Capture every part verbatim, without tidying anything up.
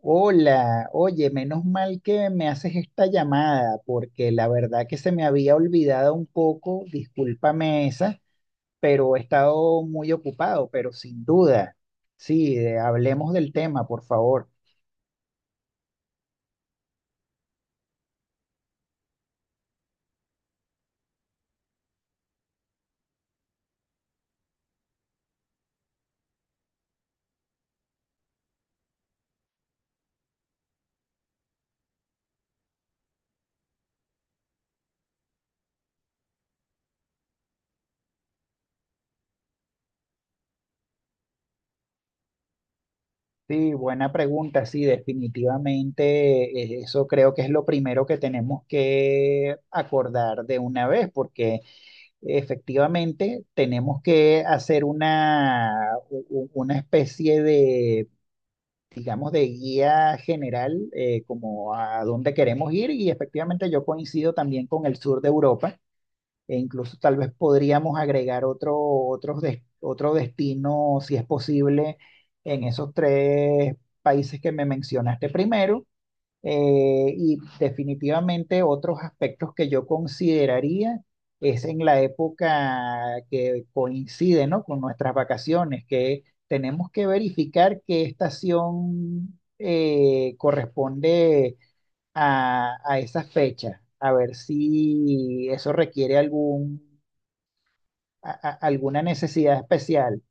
Hola, oye, menos mal que me haces esta llamada, porque la verdad que se me había olvidado un poco, discúlpame esa, pero he estado muy ocupado, pero sin duda. Sí, de- hablemos del tema, por favor. Sí, buena pregunta, sí, definitivamente eh, eso creo que es lo primero que tenemos que acordar de una vez, porque efectivamente tenemos que hacer una, u- u- una especie de digamos, de guía general, eh, como a dónde queremos ir y efectivamente yo coincido también con el sur de Europa e incluso tal vez podríamos agregar otro, otros des- otro destino, si es posible, en esos tres países que me mencionaste primero, eh, y definitivamente otros aspectos que yo consideraría es en la época que coincide, ¿no? Con nuestras vacaciones, que tenemos que verificar qué estación eh, corresponde a, a esa fecha, a ver si eso requiere algún, a- a- alguna necesidad especial.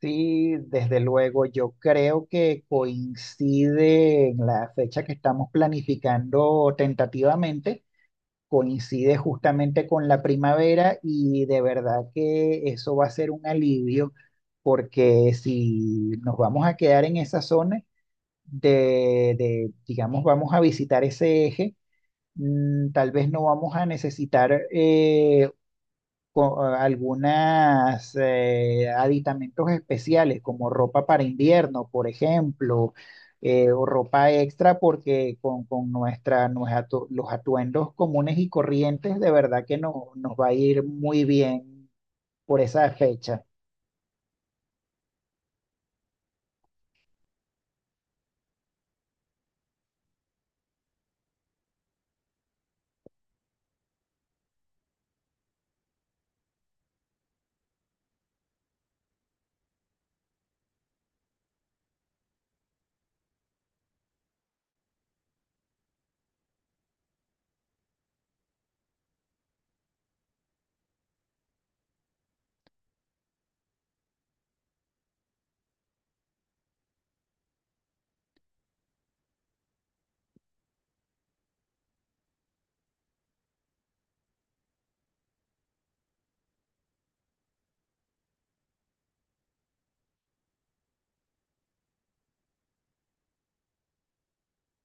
Sí, desde luego, yo creo que coincide en la fecha que estamos planificando tentativamente, coincide justamente con la primavera y de verdad que eso va a ser un alivio porque si nos vamos a quedar en esa zona de, de, digamos, vamos a visitar ese eje, mm, tal vez no vamos a necesitar eh, con algunas eh, aditamentos especiales como ropa para invierno, por ejemplo, eh, o ropa extra porque con, con nuestra, nos atu- los atuendos comunes y corrientes de verdad que no, nos va a ir muy bien por esa fecha.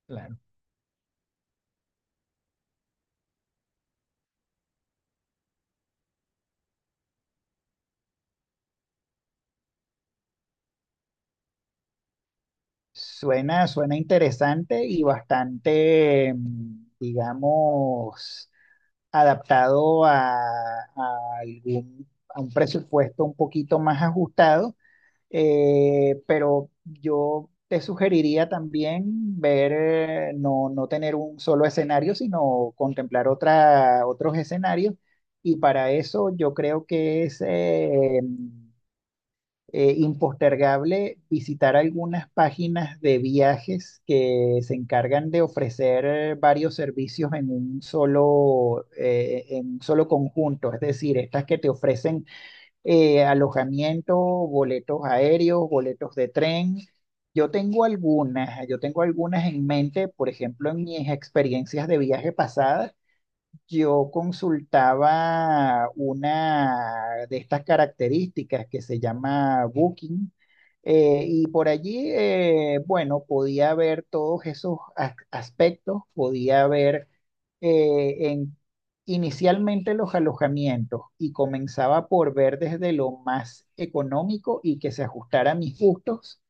Claro. Suena, suena interesante y bastante, mm, digamos, adaptado a, a algún, a un presupuesto un poquito más ajustado. Eh, pero yo te sugeriría también ver, eh, no, no tener un solo escenario, sino contemplar otra, otros escenarios. Y para eso yo creo que es eh, eh, impostergable visitar algunas páginas de viajes que se encargan de ofrecer eh, varios servicios en un solo, eh, en un solo conjunto. Es decir, estas que te ofrecen eh, alojamiento, boletos aéreos, boletos de tren. Yo tengo algunas, yo tengo algunas en mente, por ejemplo, en mis experiencias de viaje pasadas yo consultaba una de estas características que se llama Booking. Eh, y por allí, eh, bueno, podía ver todos esos as- aspectos, podía ver eh, en- inicialmente los alojamientos y comenzaba por ver desde lo más económico y que se ajustara a mis gustos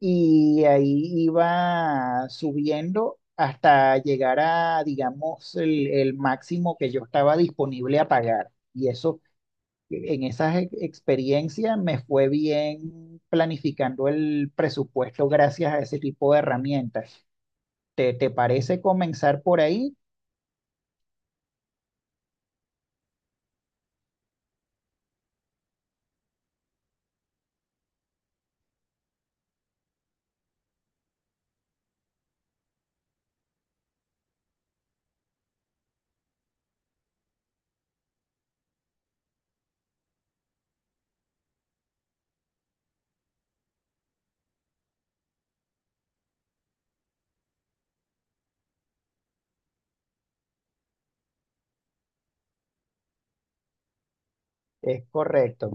y ahí iba subiendo hasta llegar a, digamos, el, el máximo que yo estaba disponible a pagar. Y eso, en esas e- experiencias me fue bien planificando el presupuesto gracias a ese tipo de herramientas. ¿Te, te parece comenzar por ahí? Es correcto.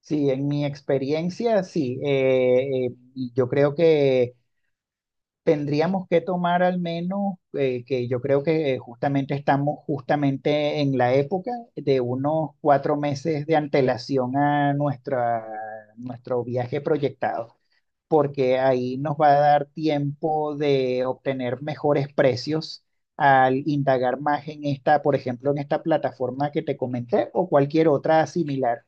Sí, en mi experiencia, sí. Eh, eh, y yo creo que tendríamos que tomar al menos, eh, que yo creo que eh, justamente estamos justamente en la época de unos cuatro meses de antelación a nuestra, nuestro viaje proyectado, porque ahí nos va a dar tiempo de obtener mejores precios al indagar más en esta, por ejemplo, en esta plataforma que te comenté o cualquier otra similar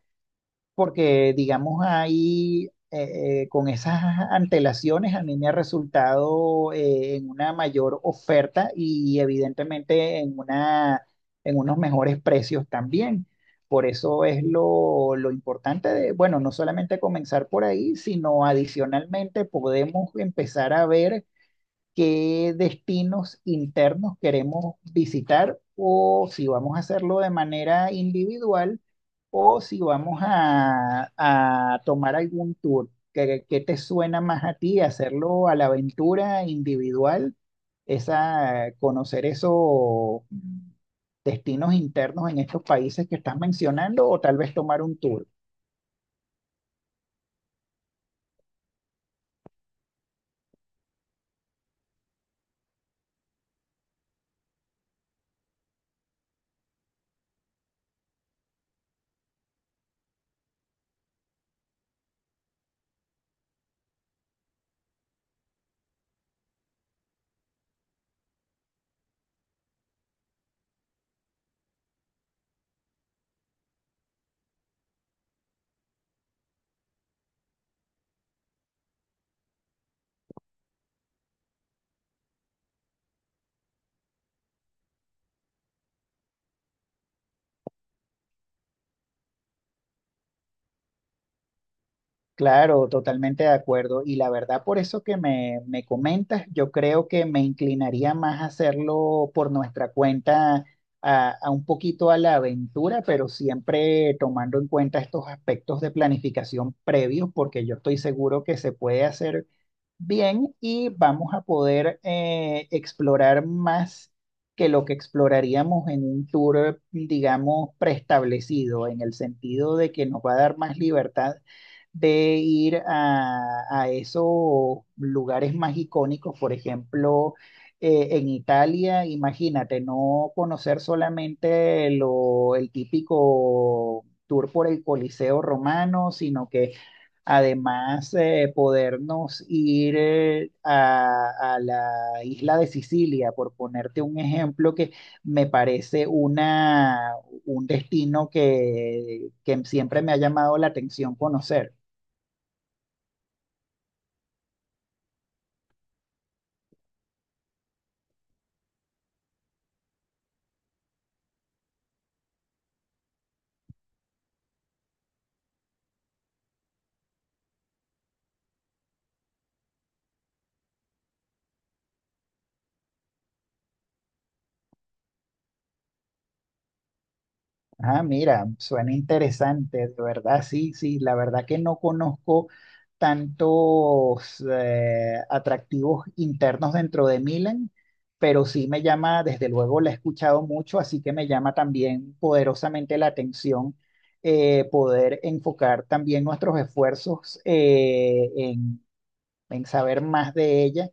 porque digamos ahí eh, eh, con esas antelaciones a mí me ha resultado eh, en una mayor oferta y evidentemente en una, en unos mejores precios también. Por eso es lo, lo importante de, bueno, no solamente comenzar por ahí, sino adicionalmente podemos empezar a ver qué destinos internos queremos visitar o si vamos a hacerlo de manera individual o si vamos a, a tomar algún tour. ¿Qué, qué te suena más a ti hacerlo a la aventura individual? Esa, conocer esos destinos internos en estos países que estás mencionando o tal vez tomar un tour. Claro, totalmente de acuerdo. Y la verdad, por eso que me, me comentas, yo creo que me inclinaría más a hacerlo por nuestra cuenta, a, a un poquito a la aventura, pero siempre tomando en cuenta estos aspectos de planificación previos, porque yo estoy seguro que se puede hacer bien y vamos a poder eh, explorar más que lo que exploraríamos en un tour, digamos, preestablecido, en el sentido de que nos va a dar más libertad de ir a, a esos lugares más icónicos, por ejemplo, eh, en Italia, imagínate, no conocer solamente lo, el típico tour por el Coliseo romano, sino que además, eh, podernos ir eh, a, a la isla de Sicilia, por ponerte un ejemplo que me parece una, un destino que, que siempre me ha llamado la atención conocer. Ah, mira, suena interesante, de verdad, sí, sí, la verdad que no conozco tantos eh, atractivos internos dentro de Milan, pero sí me llama, desde luego la he escuchado mucho, así que me llama también poderosamente la atención, eh, poder enfocar también nuestros esfuerzos eh, en saber más de ella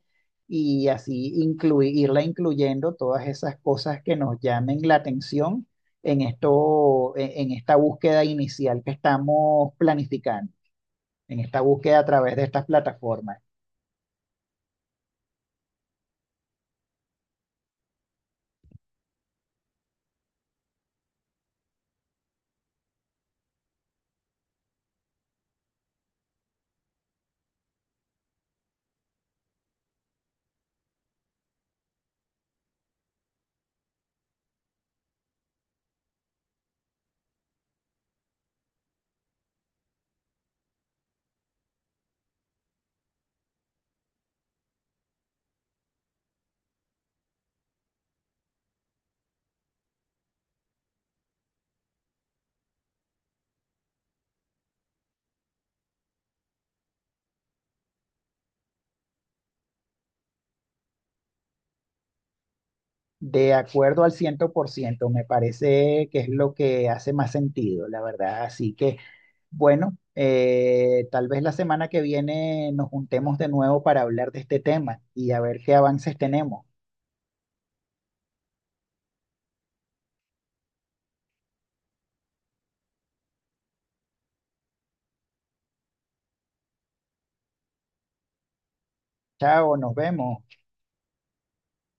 y así inclui- irla incluyendo todas esas cosas que nos llamen la atención en esto, en en esta búsqueda inicial que estamos planificando, en esta búsqueda a través de estas plataformas. De acuerdo al ciento por ciento me parece que es lo que hace más sentido, la verdad. Así que, bueno, eh, tal vez la semana que viene nos juntemos de nuevo para hablar de este tema y a ver qué avances tenemos. Chao, nos vemos.